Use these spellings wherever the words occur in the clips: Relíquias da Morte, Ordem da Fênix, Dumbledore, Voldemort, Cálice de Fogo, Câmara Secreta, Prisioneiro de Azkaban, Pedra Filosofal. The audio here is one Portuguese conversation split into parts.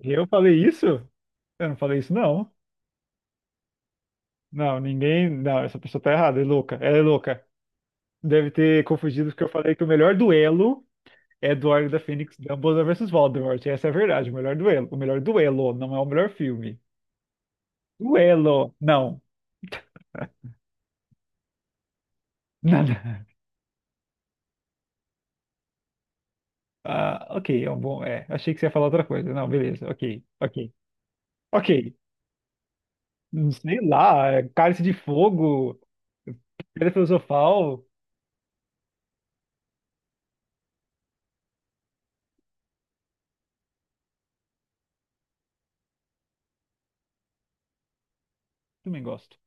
Eu falei isso? Eu não falei isso, não. Não, ninguém. Não, essa pessoa tá errada, é louca. Ela é louca. Deve ter confundido porque eu falei que o melhor duelo é do Ordem da Fênix, Dumbledore versus Voldemort. Essa é a verdade, o melhor duelo. O melhor duelo, não é o melhor filme. Duelo, não. Nada. Ah, ok, é um bom. É, achei que você ia falar outra coisa. Não, beleza, ok, ok, ok. Sei lá, é Cálice de Fogo, Pedra Filosofal, também gosto.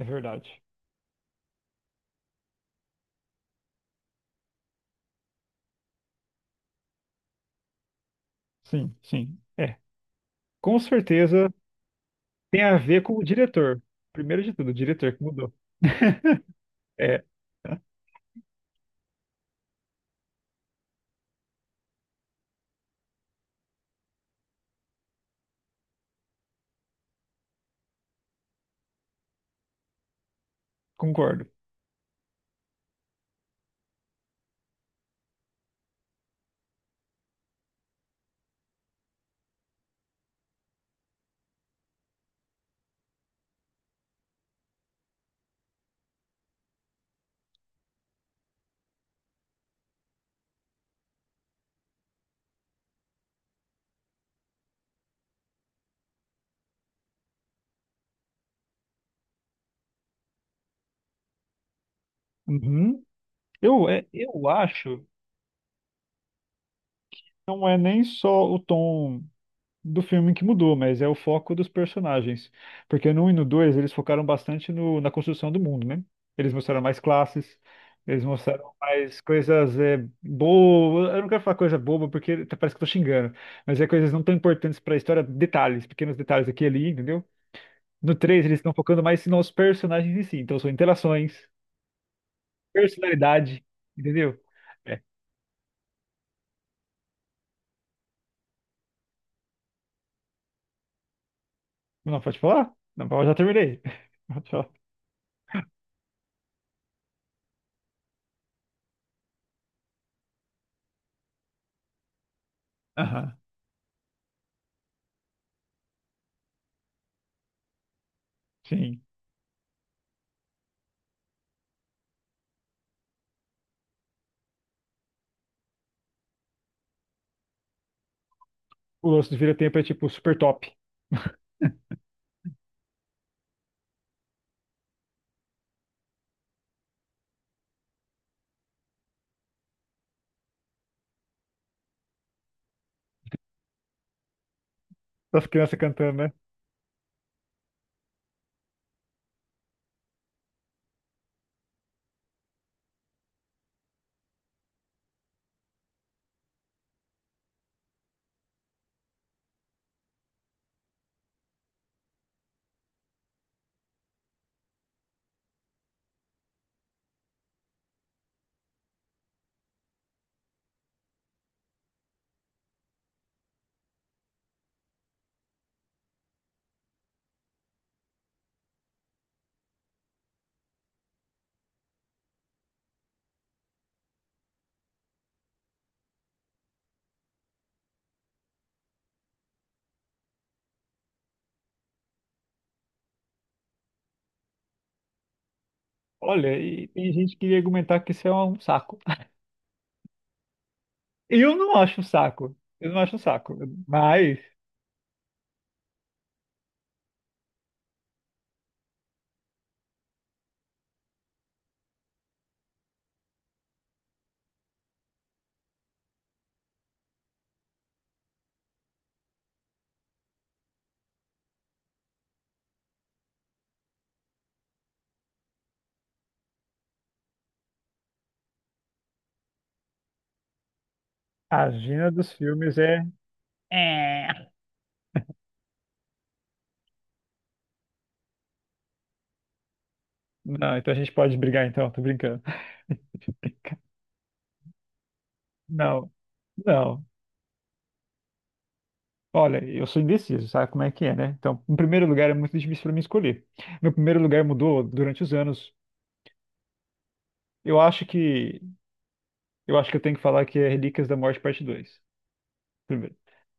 É verdade. Sim, sim. É. Com certeza tem a ver com o diretor. Primeiro de tudo, o diretor que mudou. É, concordo. Uhum. Eu acho que não é nem só o tom do filme que mudou, mas é o foco dos personagens. Porque no um e no 2 eles focaram bastante na construção do mundo, né? Eles mostraram mais classes, eles mostraram mais coisas boas. Eu não quero falar coisa boba porque parece que eu tô xingando, mas é coisas não tão importantes para a história, detalhes, pequenos detalhes aqui e ali, entendeu? No três eles estão focando mais nos personagens em si. Então, são interações, personalidade, entendeu? É. Não, pode falar? Não, eu já terminei. Pode falar. Aham. Sim. O lance do vira-tempo é, tipo, super top. Das crianças cantando, né? Olha, e tem gente que ia argumentar que isso é um saco. Eu não acho um saco. Eu não acho um saco. Mas a agenda dos filmes é... É. Não, então a gente pode brigar, então. Tô brincando. Não. Não. Olha, eu sou indeciso, sabe como é que é, né? Então, em primeiro lugar, é muito difícil para mim escolher. Meu primeiro lugar mudou durante os anos. Eu acho que eu acho que eu tenho que falar que é Relíquias da Morte Parte dois. Primeiro.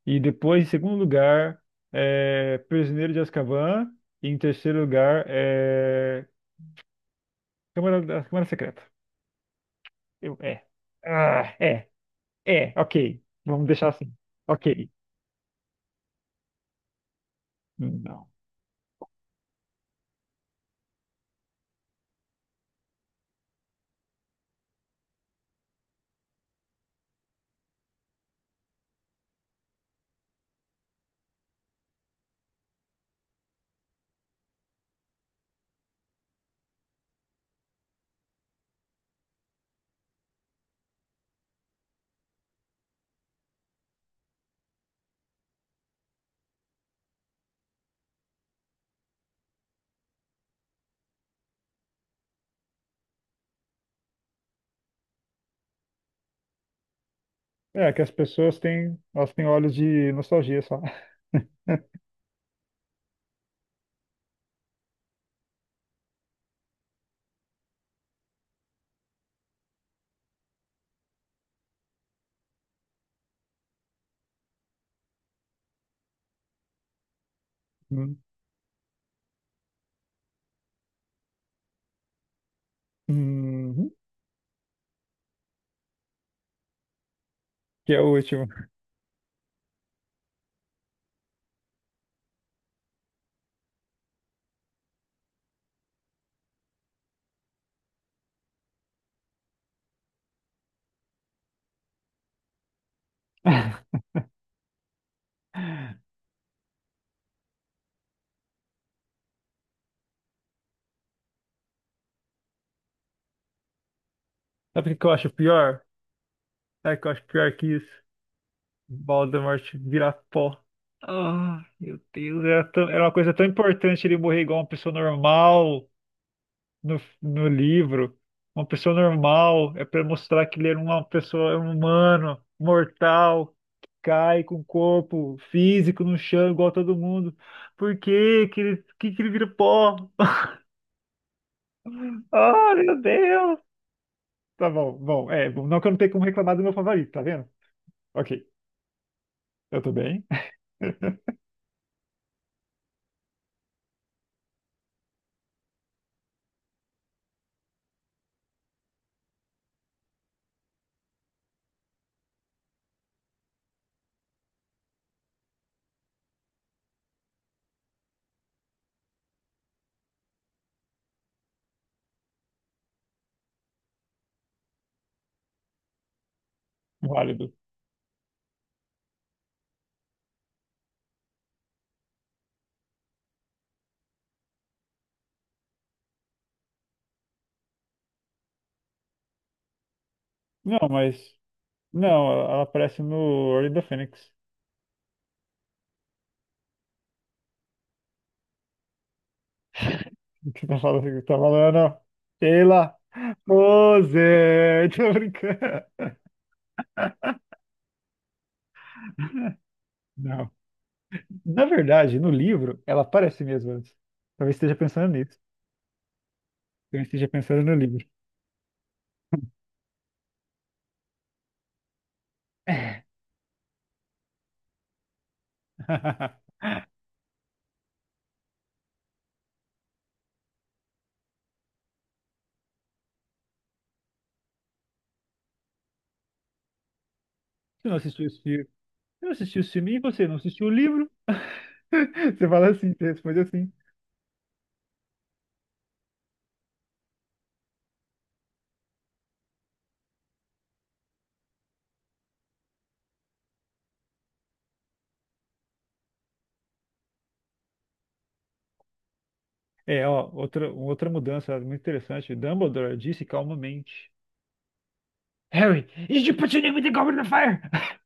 E depois, em segundo lugar, é Prisioneiro de Azkaban, e em terceiro lugar é Câmara Secreta. Eu é. Ah, é. É, ok. Vamos deixar assim. Ok. Não. É que elas têm olhos de nostalgia só. Hum. Uhum. Que é o último. Sabe o que eu acho pior? Sabe o que eu acho pior que isso? Voldemort virar pó. Ah, meu Deus, era uma coisa tão importante ele morrer igual uma pessoa normal no livro. Uma pessoa normal é pra mostrar que ele era uma pessoa é um humano, mortal, que cai com o corpo físico no chão igual todo mundo. Por que que ele vira pó? Ah, meu Deus! Tá bom, bom, é, bom, não que eu não tenha como reclamar do meu favorito, tá vendo? Ok, eu tô bem. Válido. Não, mas. Não, ela aparece no Ordem da Fênix. O que você tá falando? O que você tá falando? Sheila! Pose! Tô brincando. Não. Na verdade, no livro, ela aparece mesmo antes. Talvez esteja pensando nisso. Talvez esteja pensando no livro. Você não assistiu esse filme? Você não assistiu esse filme e você não assistiu o livro? Você fala assim, você responde assim. É, ó, outra mudança muito interessante. Dumbledore disse calmamente. Harry, is you put your name with the goblin in the goblet of fire?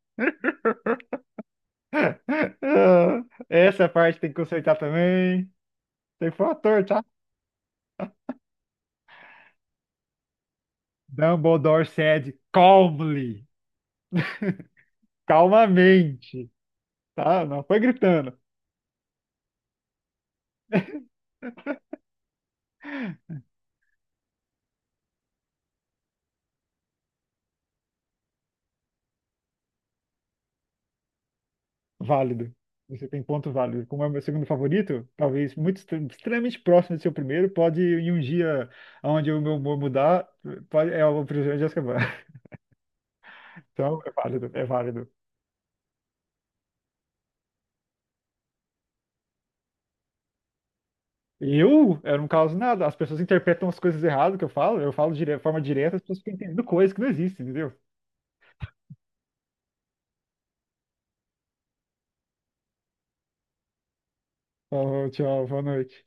Ah, essa parte tem que consertar também. Tem que foi o ator, tá? Dumbledore said calmly, calmamente, tá? Não foi gritando. Válido. Você tem ponto válido. Como é o meu segundo favorito, talvez muito extremamente próximo do seu primeiro, pode em um dia onde o meu humor mudar, pode, é o Prisioneiro de Azkaban. Então, é válido, é válido. Eu não causo nada. As pessoas interpretam as coisas erradas que eu falo. Eu falo de forma direta, as pessoas ficam entendendo coisas que não existem, entendeu? Falou, tchau, boa noite.